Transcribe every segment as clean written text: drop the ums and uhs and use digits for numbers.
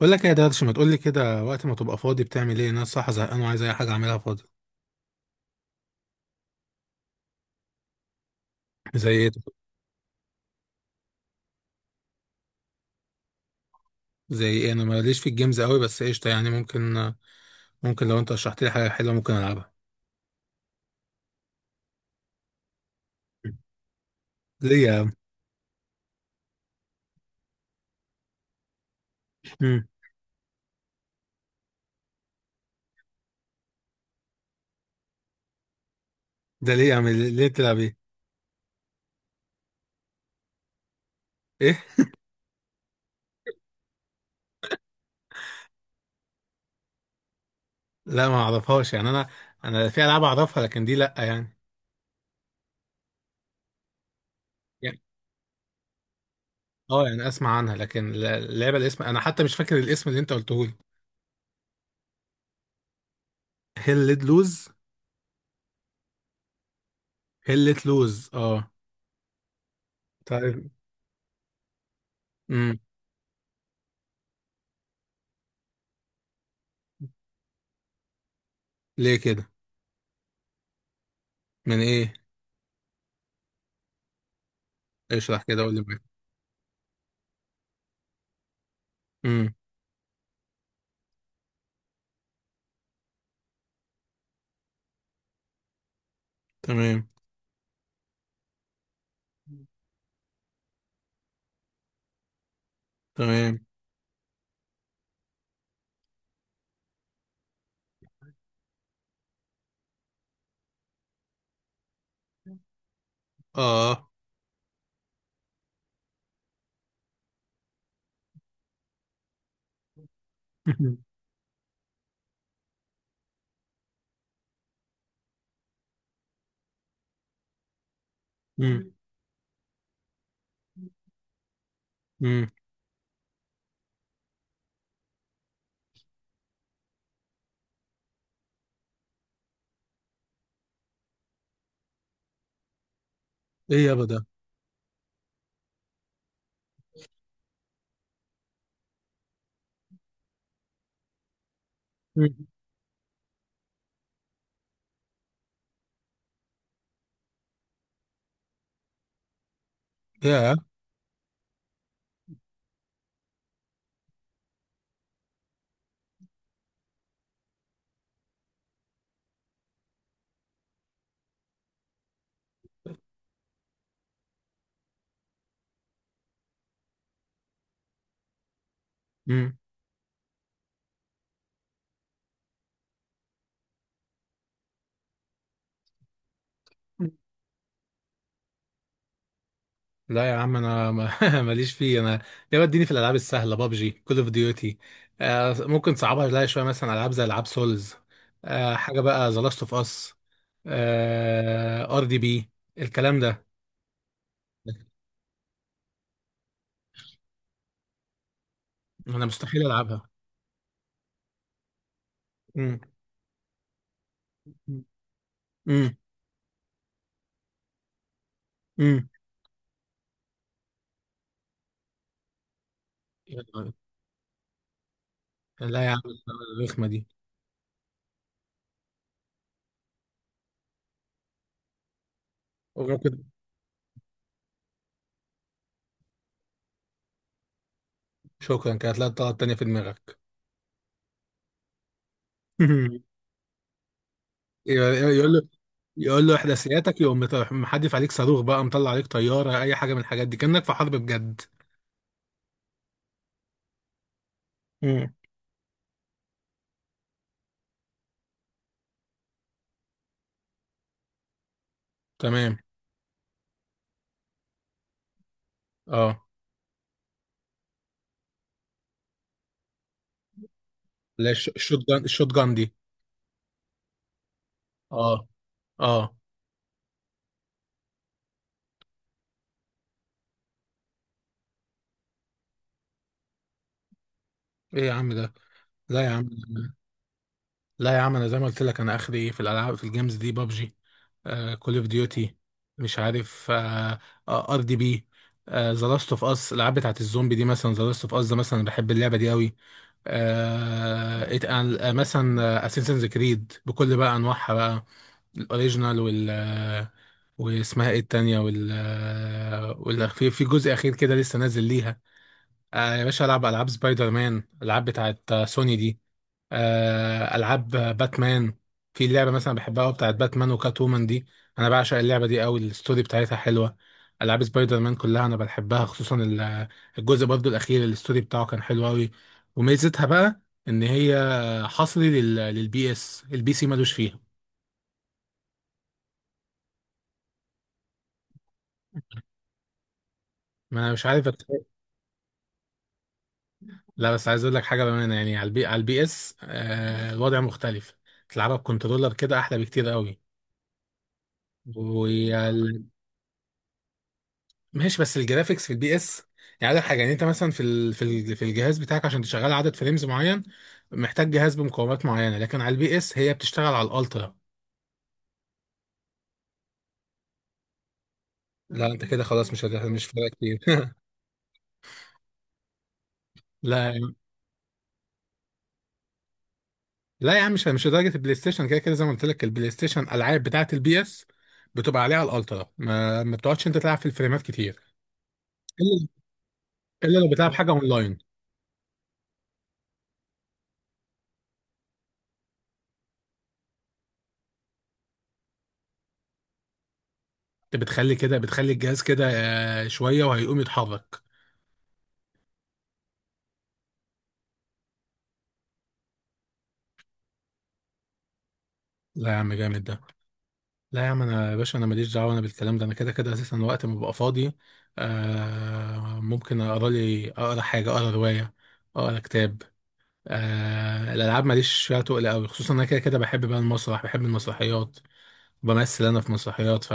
بقول لك إيه يا درش، ما تقول لي كده، وقت ما تبقى فاضي بتعمل ايه؟ انا الصراحه زهقان وعايز اي حاجه اعملها فاضي. زي ايه؟ زي ايه؟ انا ماليش في الجيمز قوي بس قشطه، يعني ممكن لو انت شرحت لي حاجه حلوه ممكن العبها. ليه يا عم؟ مم. ده ليه يا عم؟ ليه تلعب ايه؟ ايه؟ لا ما اعرفهاش يعني انا في العاب اعرفها لكن دي لا يعني. يعني اه يعني اسمع عنها لكن اللعبه الاسم انا حتى مش فاكر الاسم اللي انت قلته لي. هيل ليت لوز؟ هيل ليت لوز اه. طيب. امم. ليه كده؟ من ايه؟ اشرح كده قول لي. تمام. تمام. اه. امم. امم. ايه يابا ده؟ مم. يا. امم. لا يا عم انا ما- ماليش فيه انا. يابا اديني في الالعاب السهله، بابجي، كول اوف ديوتي. آه ممكن صعبها لها شويه، مثلا العاب زي العاب سولز. آه حاجه بقى ذا لاست اوف اس، ار دي بي، الكلام ده. انا مستحيل العبها. امم. امم. امم. لا يا عم الرخمه دي. وممكن. شكرا، كانت لا طلعت تانية في دماغك. يقول، يقول له. يقول له احداثياتك يقوم محدف عليك صاروخ بقى، مطلع عليك طياره، اي حاجه من الحاجات دي، كانك في حرب بجد. امم. تمام. اه. لا الشوت جان، الشوت جان دي. اه. اه. ايه يا عم ده. لا يا عم. لا يا عم انا زي ما قلت لك انا اخري ايه في الالعاب في الجيمز دي بابجي، كول اوف ديوتي، مش عارف، ار دي بي، ذا لاست اوف اس، الالعاب بتاعت الزومبي دي مثلا. ذا لاست اوف اس ده مثلا بحب اللعبه دي قوي. آه إت- مثلا اساسنز كريد بكل بقى انواعها بقى الاوريجينال، وال، واسمها ايه التانية، وال، وال في في جزء اخير كده لسه نازل ليها. آه يا باشا العب العاب سبايدر مان، العاب بتاعت سوني دي، آه العاب باتمان. في لعبة مثلا بحبها قوي بتاعت باتمان وكات وومن دي، انا بعشق اللعبة دي قوي، الستوري بتاعتها حلوة. العاب سبايدر مان كلها انا بحبها، خصوصا الجزء برضو الاخير الستوري بتاعه كان حلو قوي. وميزتها بقى ان هي حصري للبي اس، البي سي ملوش فيها. ما انا مش عارف. لا بس عايز اقول لك حاجه بامانه، يعني على البي، على البي اس، آه الوضع مختلف. تلعبها بكنترولر كده احلى بكتير قوي. وال... ماشي بس الجرافيكس في البي اس يعني، عندك حاجه يعني انت مثلا في الجهاز بتاعك عشان تشغل عدد فريمز معين محتاج جهاز بمقاومات معينه، لكن على البي اس هي بتشتغل على الالترا. لا انت كده خلاص مش فارقه كتير. لا. لا يا عم مش لدرجه البلاي ستيشن، كده كده زي ما قلت لك البلاي ستيشن الالعاب بتاعت البي اس بتبقى عليها الالترا، ما بتقعدش انت تلعب في الفريمات كتير الا لو بتلعب حاجه اونلاين. انت بتخلي كده بتخلي الجهاز كده، شويه وهيقوم يتحرك. لا يا عم جامد ده. لا يا عم انا يا باشا انا ماليش دعوه انا بالكلام ده، انا كده كده اساسا وقت ما ببقى فاضي آه ممكن اقرا لي، اقرا حاجه، اقرا روايه، اقرا كتاب. آه الالعاب ماليش فيها تقل قوي، خصوصا انا كده كده بحب بقى المسرح، بحب المسرحيات، بمثل انا في مسرحيات ف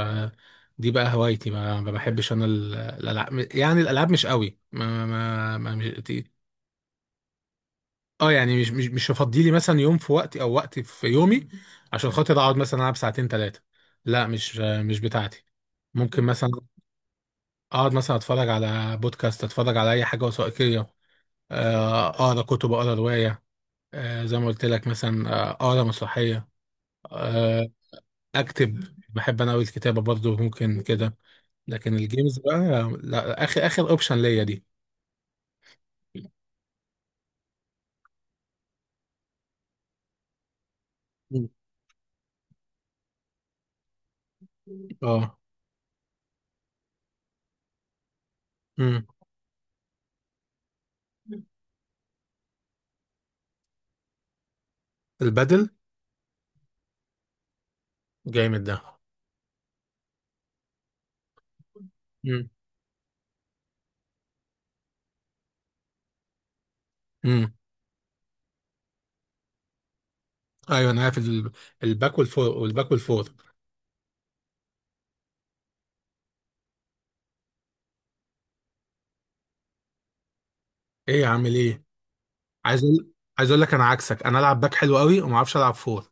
دي بقى هوايتي. ما بحبش انا الالعاب يعني الالعاب مش قوي اه يعني مش هفضي لي مثلا يوم في وقتي او وقت في يومي عشان خاطر اقعد مثلا العب ساعتين ثلاثه. لا مش بتاعتي. ممكن مثلا اقعد مثلا اتفرج على بودكاست، اتفرج على اي حاجه وثائقيه، اقرا كتب، اقرا روايه، زي ما قلت لك مثلا، اقرا مسرحيه، آه، اكتب بحب انا قوي الكتابه برضو ممكن كده. لكن الجيمز بقى لا، اخر اخر اوبشن ليا دي. مم. اه. امم. البدل. جامد ده. امم. ايوه انا عارف الباك والفور، والباك والفور. ايه يا عم ايه. عايز اقول لك انا عكسك انا العب باك حلو قوي وما اعرفش العب فور.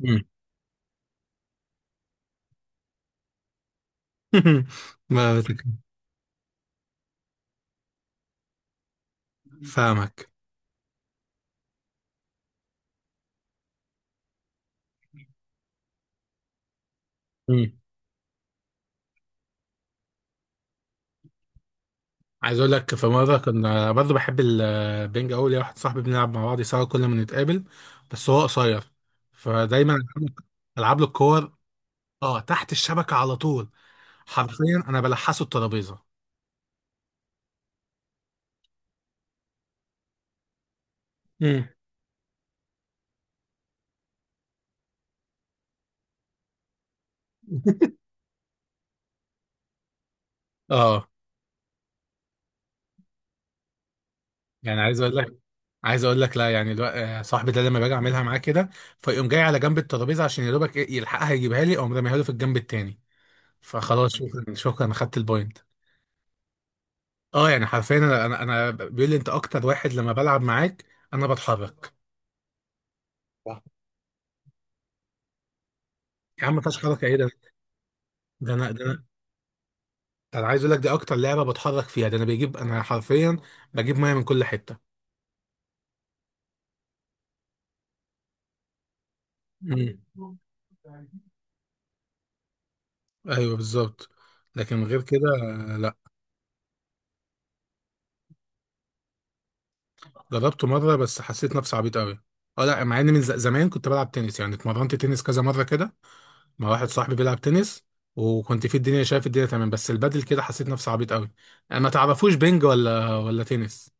مم. ما. فاهمك. مم. عايز اقول لك في مره كنا برضه بحب البنج قوي، ليا واحد صاحبي بنلعب مع بعض سوا كل ما نتقابل، بس هو قصير فدايما العب له، ألعب له الكور. اه تحت الشبكه على طول، حرفيا انا بلحسه الترابيزه. مم. اه يعني عايز اقول لك لا يعني صاحبي ده لما باجي اعملها معاه كده فيقوم جاي على جنب الترابيزه عشان يا دوبك إيه يلحقها، يجيبها لي اقوم راميها له في الجنب التاني، فخلاص شكرا شكرا انا خدت البوينت. اه يعني حرفيا انا انا أنا بيقول لي انت اكتر واحد لما بلعب معاك انا بتحرك. صح. يا عم ما فيهاش حركه، ايه ده؟ ده انا ده انا ده انا عايز اقول لك دي اكتر لعبه بتحرك فيها، ده انا بجيب انا حرفيا بجيب ميه من كل حته. مم. ايوه بالظبط. لكن غير كده لا. جربته مرة بس حسيت نفسي عبيط قوي. اه لا مع ان زمان كنت بلعب تنس يعني اتمرنت تنس كذا مرة كده مع واحد صاحبي بيلعب تنس، وكنت في الدنيا شايف الدنيا تمام، بس البدل كده حسيت نفسي عبيط قوي. ما تعرفوش بينج ولا تنس؟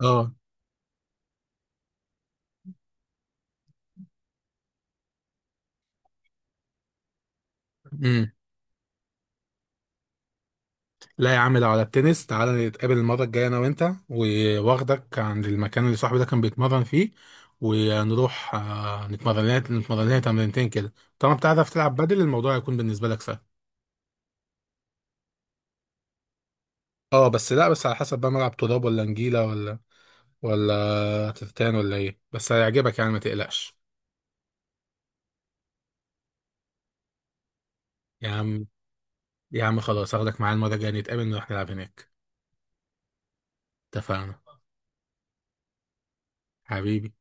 اه. امم. لا يا عم لو على التنس تعالى نتقابل المرة الجاية انا وانت، واخدك عند المكان اللي صاحبي ده كان بيتمرن فيه ونروح، نتمرن لنا تمرينتين كده. طالما بتعرف تلعب بدل الموضوع هيكون بالنسبة لك سهل. اه بس لا بس على حسب بقى ملعب تراب ولا نجيلة ولا تفتان ولا ايه، بس هيعجبك يعني ما تقلقش. يا عم. يا عم خلاص هاخدك معايا المرة الجاية نتقابل نروح نلعب هناك. اتفقنا. حبيبي.